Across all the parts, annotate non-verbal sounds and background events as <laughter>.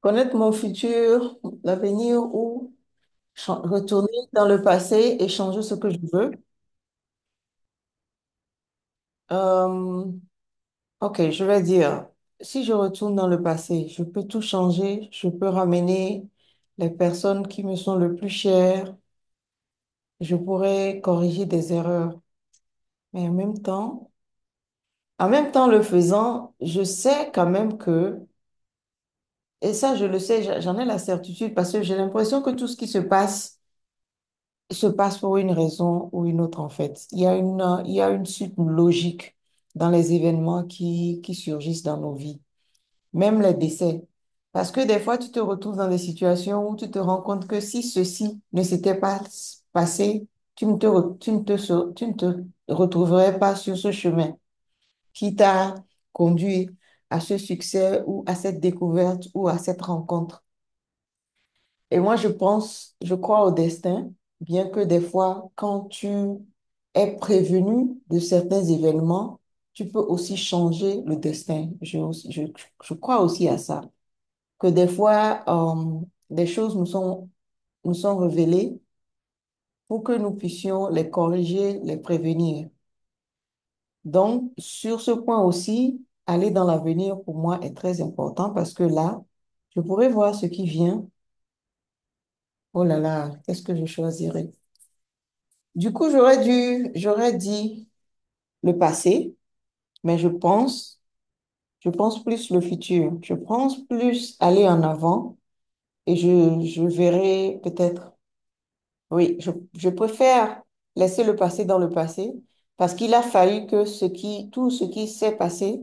Connaître mon futur, l'avenir ou retourner dans le passé et changer ce que je veux. Euh, ok, je vais dire, si je retourne dans le passé, je peux tout changer, je peux ramener les personnes qui me sont le plus chères, je pourrais corriger des erreurs. Mais en même temps le faisant, je sais quand même que, et ça je le sais, j'en ai la certitude parce que j'ai l'impression que tout ce qui se passe pour une raison ou une autre, en fait. Il y a une suite logique dans les événements qui surgissent dans nos vies, même les décès. Parce que des fois, tu te retrouves dans des situations où tu te rends compte que si ceci ne s'était pas passé, tu ne te, re- tu ne te, se- tu ne te retrouverais pas sur ce chemin qui t'a conduit à ce succès ou à cette découverte ou à cette rencontre. Et moi, je pense, je crois au destin, bien que des fois, quand tu es prévenu de certains événements, tu peux aussi changer le destin. Je, je crois aussi à ça, que des fois, des choses nous sont révélées pour que nous puissions les corriger, les prévenir. Donc, sur ce point aussi, aller dans l'avenir, pour moi, est très important parce que là, je pourrais voir ce qui vient. Oh là là, qu'est-ce que je choisirais? Du coup, j'aurais dit le passé, mais je pense plus le futur. Je pense plus aller en avant et je verrai peut-être. Oui, je préfère laisser le passé dans le passé parce qu'il a fallu que tout ce qui s'est passé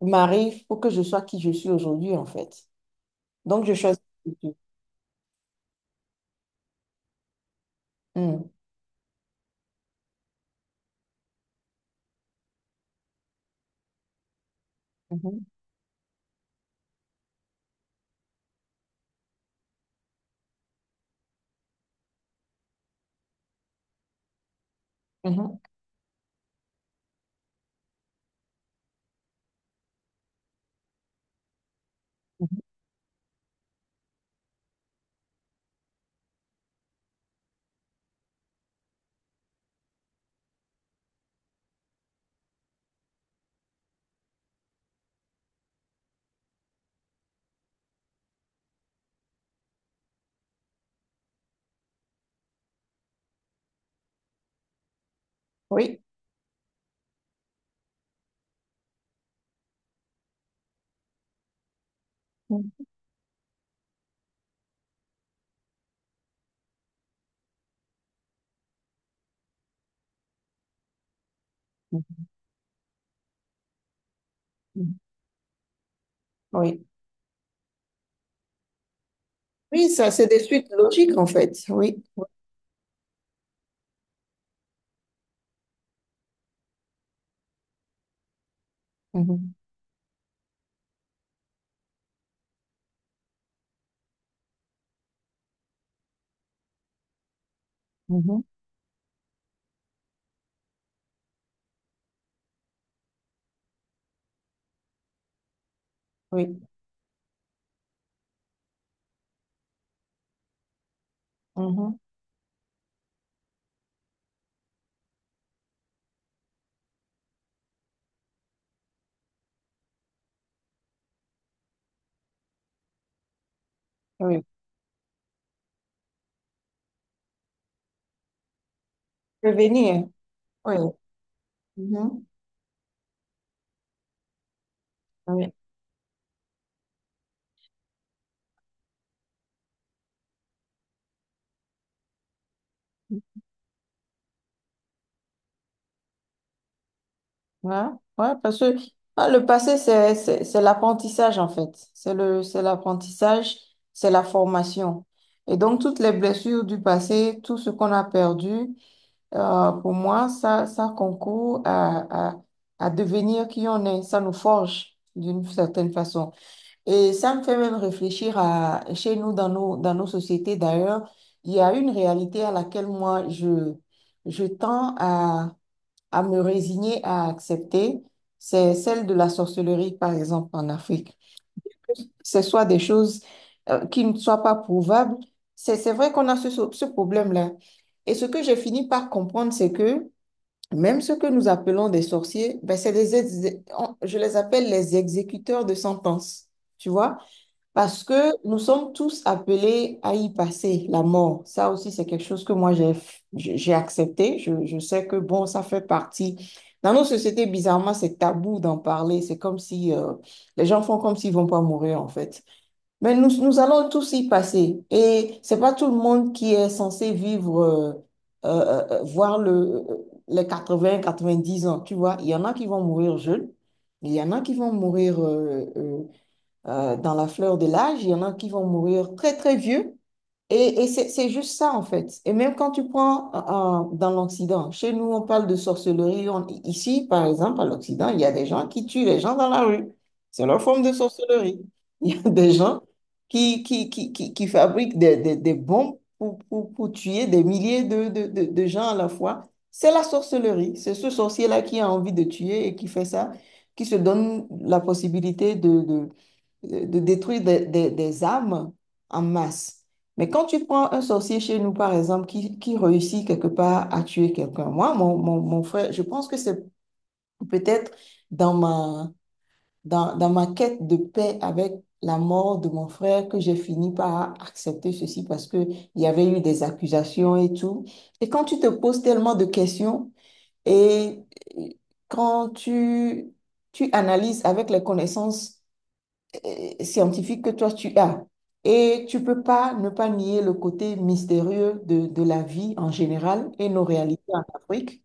m'arrive pour que je sois qui je suis aujourd'hui, en fait. Donc, je choisis le futur. Mm. Mhm. Mhm. Mhm. Oui. Mm. Mhm. Oui. Oui, ça, c'est des suites logiques, en fait. Oui. Mhm. Mhm. Oui. Mhm. Oui. Prévenir. Oui. Mhm. Oui. Ouais, ouais, parce que ah, le passé, c'est l'apprentissage, en fait. C'est l'apprentissage, c'est la formation. Et donc, toutes les blessures du passé, tout ce qu'on a perdu, pour moi, ça concourt à devenir qui on est. Ça nous forge d'une certaine façon. Et ça me fait même réfléchir à chez nous, dans nos sociétés d'ailleurs, il y a une réalité à laquelle je tends à me résigner à accepter, c'est celle de la sorcellerie, par exemple, en Afrique. Que ce soit des choses qui ne soient pas prouvables, c'est vrai qu'on a ce problème-là. Et ce que j'ai fini par comprendre, c'est que même ce que nous appelons des sorciers, ben, c'est des, ex- on- je les appelle les exécuteurs de sentences, tu vois? Parce que nous sommes tous appelés à y passer, la mort. Ça aussi, c'est quelque chose que j'ai accepté. Je sais que, bon, ça fait partie. Dans nos sociétés, bizarrement, c'est tabou d'en parler. C'est comme si les gens font comme s'ils vont pas mourir, en fait. Mais nous, nous allons tous y passer. Et c'est pas tout le monde qui est censé vivre, voir les 80, 90 ans. Tu vois, il y en a qui vont mourir jeunes. Il y en a qui vont mourir. Dans la fleur de l'âge, il y en a qui vont mourir très, très vieux. Et c'est juste ça, en fait. Et même quand tu prends dans l'Occident, chez nous, on parle de sorcellerie. On- ici, par exemple, à l'Occident, il y a des gens qui tuent les gens dans la rue. C'est leur forme de sorcellerie. <laughs> Il y a des gens qui fabriquent des bombes pour tuer des milliers de gens à la fois. C'est la sorcellerie. C'est ce sorcier-là qui a envie de tuer et qui fait ça, qui se donne la possibilité de détruire des âmes en masse. Mais quand tu prends un sorcier chez nous, par exemple, qui réussit quelque part à tuer quelqu'un, mon frère, je pense que c'est peut-être dans dans ma quête de paix avec la mort de mon frère que j'ai fini par accepter ceci parce que il y avait eu des accusations et tout. Et quand tu te poses tellement de questions et quand tu analyses avec les connaissances scientifique que toi tu as. Et tu peux pas ne pas nier le côté mystérieux de la vie en général et nos réalités en Afrique.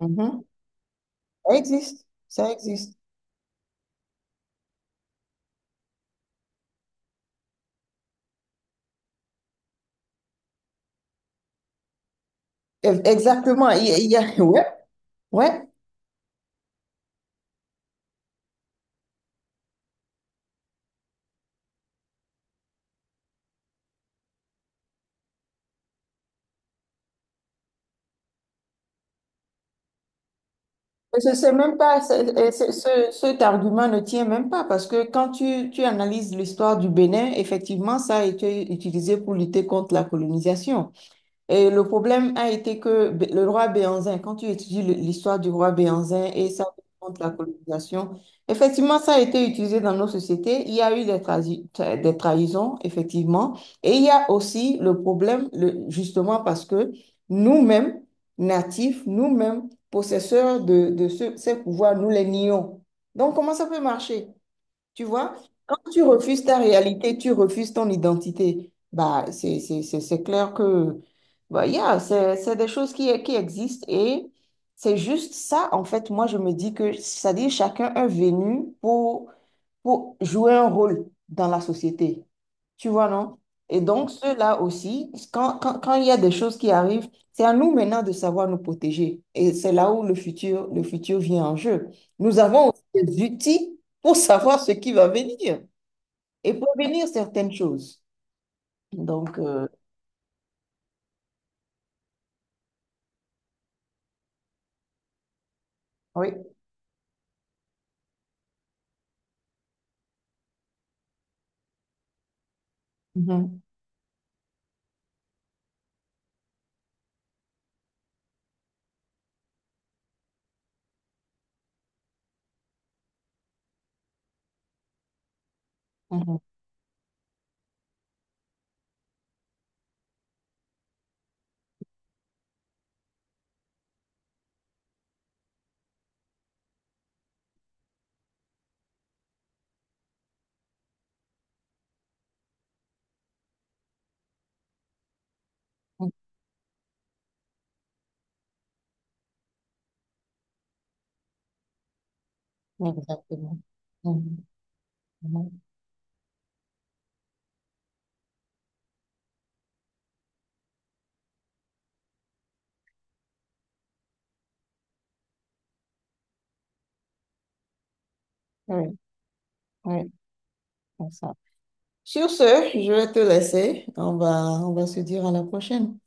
Mhm. Ça existe, ça existe. E- Exactement. <laughs> Ouais, ouais. C'est même pas, c'est- et c'est- ce- Cet argument ne tient même pas parce que quand tu analyses l'histoire du Bénin, effectivement, ça a été utilisé pour lutter contre la colonisation. Et le problème a été que le roi Béanzin, quand tu étudies l'histoire du roi Béanzin et ça contre la colonisation, effectivement, ça a été utilisé dans nos sociétés. Il y a eu des trahisons, effectivement. Et il y a aussi le problème, justement, parce que nous-mêmes, natifs, nous-mêmes, possesseurs de ces pouvoirs, nous les nions. Donc, comment ça peut marcher? Tu vois? Tu refuses ta réalité, tu refuses ton identité. Bah, c'est clair que, bah, yeah, c'est des choses qui existent et c'est juste ça, en fait, moi, je me dis que, c'est-à-dire, chacun est venu pour jouer un rôle dans la société. Tu vois, non? Et donc, ceux-là aussi, quand il y a des choses qui arrivent, c'est à nous maintenant de savoir nous protéger. Et c'est là où le futur vient en jeu. Nous avons aussi des outils pour savoir ce qui va venir et prévenir certaines choses. Donc, oui. Mhm, mhm, mhm. Exactement. Mhm, mhm. Oui, oui, c'est ça. Sur ce, je vais te laisser. On va se dire à la prochaine.